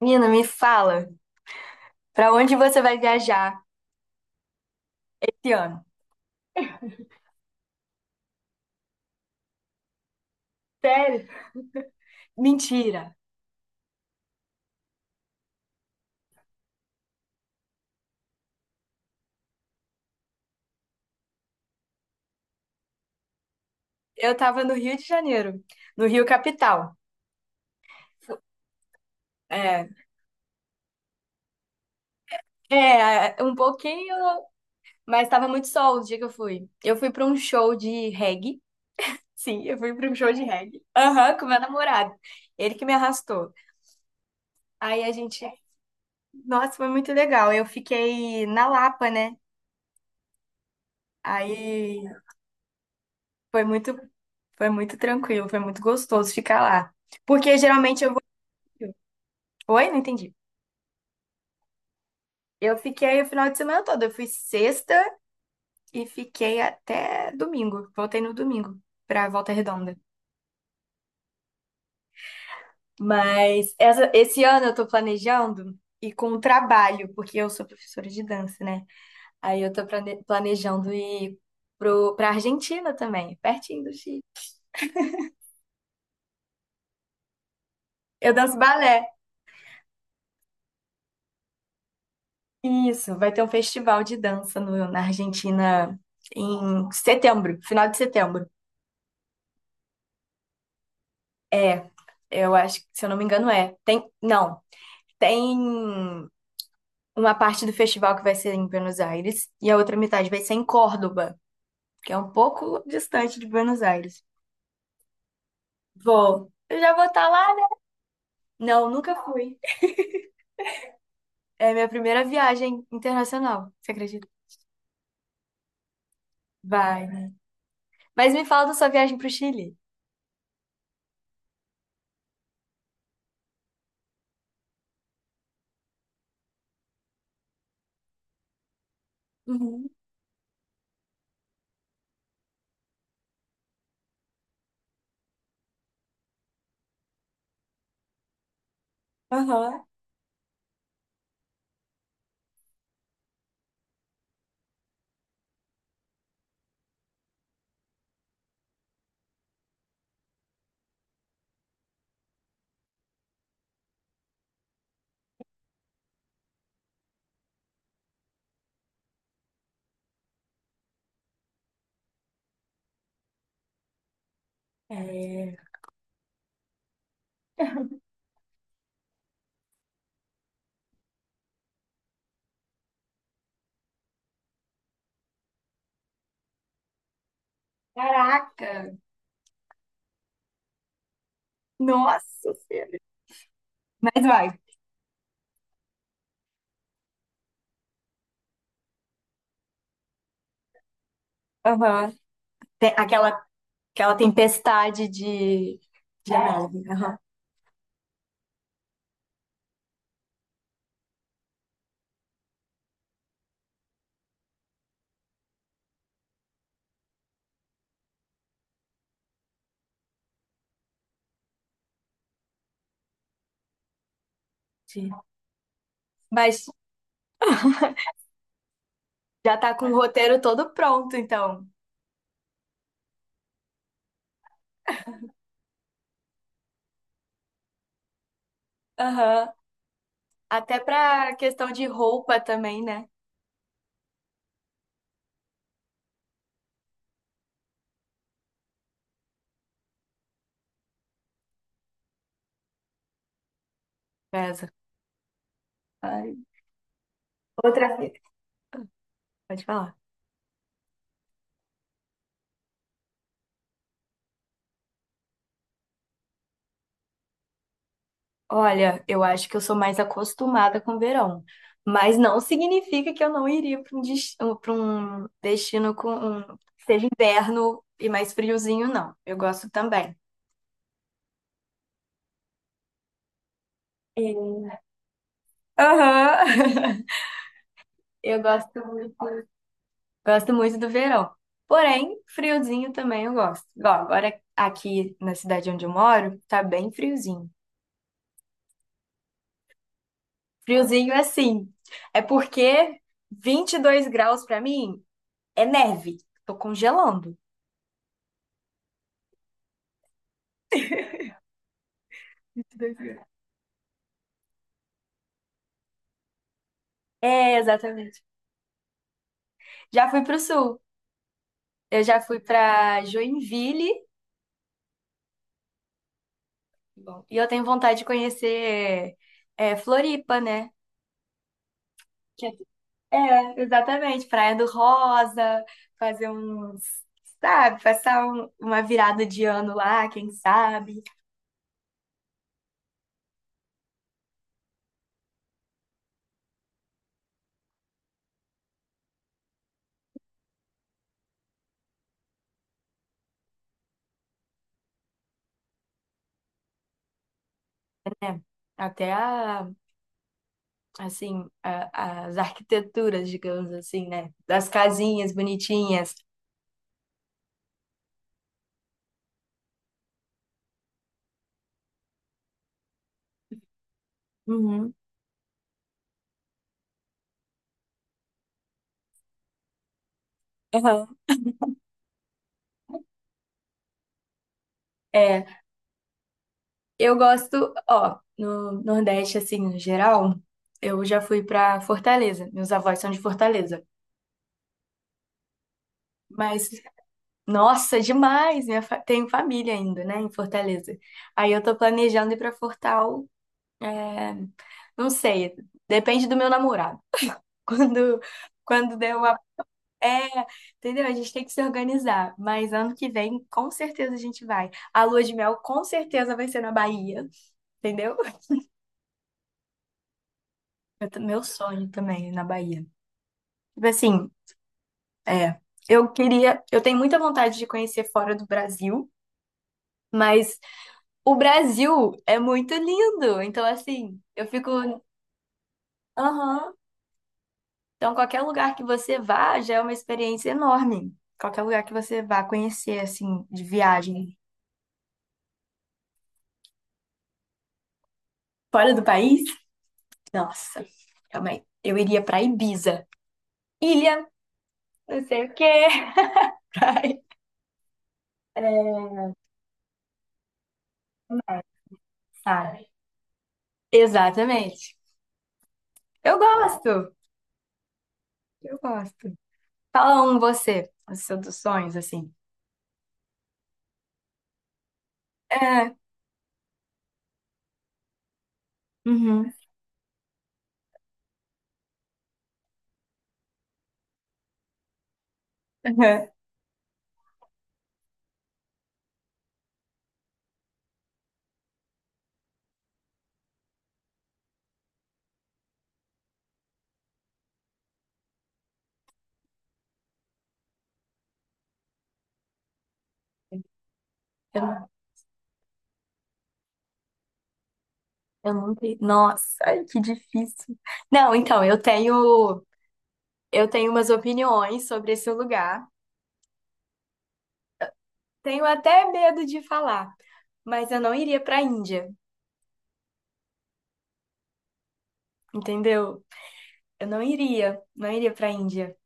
Menina, me fala, pra onde você vai viajar esse ano? Sério? Mentira. Eu tava no Rio de Janeiro, no Rio Capital. É, um pouquinho, mas tava muito sol o dia que eu fui. Eu fui pra um show de reggae. Sim, eu fui pra um show de reggae. Aham, com meu namorado. Ele que me arrastou. Aí a gente, nossa, foi muito legal. Eu fiquei na Lapa, né? Aí foi muito, foi muito tranquilo, foi muito gostoso ficar lá. Porque geralmente eu vou. Oi, não entendi. Eu fiquei o final de semana todo. Eu fui sexta e fiquei até domingo. Voltei no domingo pra Volta Redonda. Mas esse ano eu tô planejando ir com o trabalho, porque eu sou professora de dança, né? Aí eu planejando ir pra Argentina também, pertinho do Chile. Eu danço balé. Isso, vai ter um festival de dança na Argentina em setembro, final de setembro. É, eu acho que, se eu não me engano, é. Tem, não, tem. Uma parte do festival que vai ser em Buenos Aires e a outra metade vai ser em Córdoba, que é um pouco distante de Buenos Aires. Vou. Eu já vou estar lá, né? Não, nunca fui. É minha primeira viagem internacional, você acredita? Vai. Né? Mas me fala da sua viagem pro Chile. Uhum. Aham. É. Caraca! Nossa Senhora. Mas vai. Aham. Tem aquela, aquela tempestade de, de neve. Aham. Sim. Mas já tá com o roteiro todo pronto, então. Aham. Até pra questão de roupa também, né? Pesa. Ai, outra fita. Pode falar. Olha, eu acho que eu sou mais acostumada com o verão, mas não significa que eu não iria para um, des- um, pra um destino que seja inverno e mais friozinho, não. Eu gosto também. E- Aham. Eu gosto muito do verão. Porém, friozinho também eu gosto. Igual agora aqui na cidade onde eu moro, tá bem friozinho. Friozinho é sim É porque 22 graus pra mim é neve. Tô congelando. 22 graus. É, exatamente. Já fui pro sul. Eu já fui pra Joinville. Bom, e eu tenho vontade de conhecer Floripa, né? Que É, é, exatamente. Praia do Rosa, fazer uns, sabe, passar uma virada de ano lá, quem sabe, né? Até a assim, as arquiteturas, digamos assim, né? Das casinhas bonitinhas. Uhum. Aham. É, eu gosto, ó, no Nordeste, assim, no geral, eu já fui pra Fortaleza. Meus avós são de Fortaleza. Mas, nossa, demais! Tenho família ainda, né, em Fortaleza. Aí eu tô planejando ir pra Fortal, é, não sei, depende do meu namorado. Quando, quando der uma É, entendeu? A gente tem que se organizar. Mas ano que vem, com certeza a gente vai. A lua de mel, com certeza, vai ser na Bahia, entendeu? Meu sonho também é na Bahia. Tipo assim, é. Eu queria. Eu tenho muita vontade de conhecer fora do Brasil, mas o Brasil é muito lindo. Então, assim, eu fico. Aham. Então, qualquer lugar que você vá já é uma experiência enorme. Qualquer lugar que você vá conhecer, assim, de viagem fora do país. Nossa, calma aí. Eu iria pra Ibiza. Ilha, não sei o quê. Praia, é, sabe? Exatamente. Eu gosto. Eu gosto. Fala um você, os seus sonhos, assim. É. Uhum. Uhum. Eu, não- eu não tenho. Nossa, ai, que difícil. Não, então, eu tenho. Eu tenho umas opiniões sobre esse lugar. Tenho até medo de falar, mas eu não iria pra Índia, entendeu? Eu não iria, não iria pra Índia.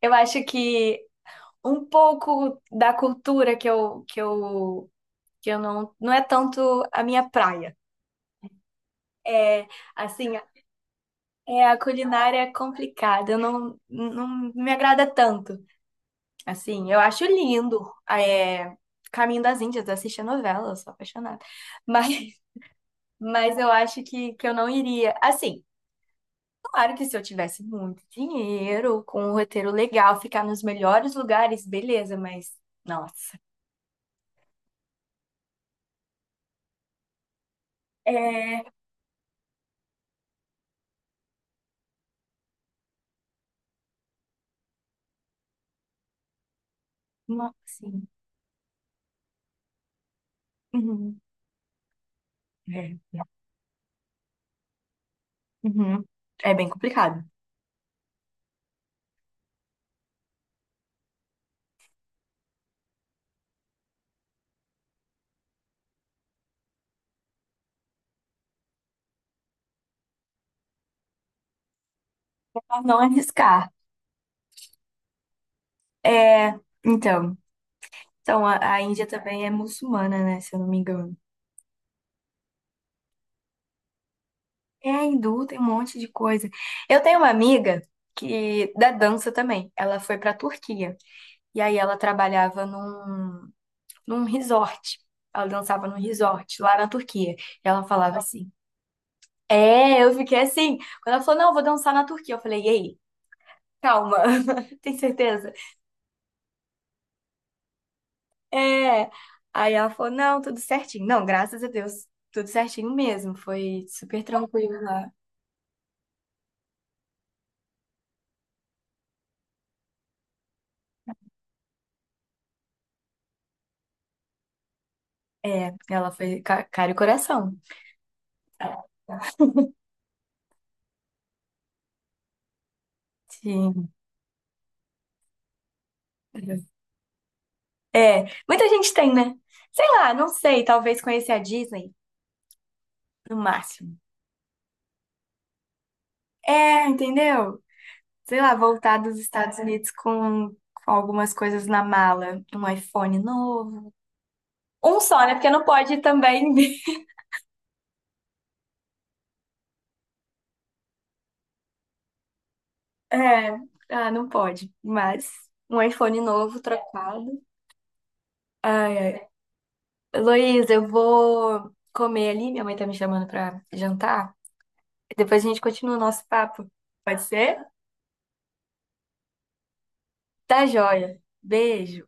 Eu acho que um pouco da cultura que eu não é tanto a minha praia. É, assim, a culinária é complicada, eu não me agrada tanto. Assim, eu acho lindo, é, Caminho das Índias, eu assisti a novela, eu sou apaixonada. Mas, mas eu acho que eu não iria. Assim, claro que se eu tivesse muito dinheiro, com um roteiro legal, ficar nos melhores lugares, beleza, mas nossa. É, não, sim. Uhum. É. Uhum. É bem complicado. Pra não arriscar. É, então, então a Índia também é muçulmana, né? Se eu não me engano. É hindu, tem um monte de coisa. Eu tenho uma amiga que da dança também. Ela foi pra Turquia e aí ela trabalhava num resort. Ela dançava num resort lá na Turquia. E ela falava assim: É, eu fiquei assim. Quando ela falou: Não, eu vou dançar na Turquia, eu falei: Ei, calma, tem certeza? É. Aí ela falou, não, tudo certinho. Não, graças a Deus, tudo certinho mesmo. Foi super tranquilo lá. É, ela foi cara e coração. Sim. É, muita gente tem, né? Sei lá, não sei, talvez conhecer a Disney no máximo. É, entendeu? Sei lá, voltar dos Estados Unidos com algumas coisas na mala, um iPhone novo. Um só, né? Porque não pode também. É, ah, não pode. Mas um iPhone novo trocado. Ai, ai. Luiz, eu vou comer ali. Minha mãe tá me chamando pra jantar. Depois a gente continua o nosso papo. Pode ser? Tá joia. Beijo.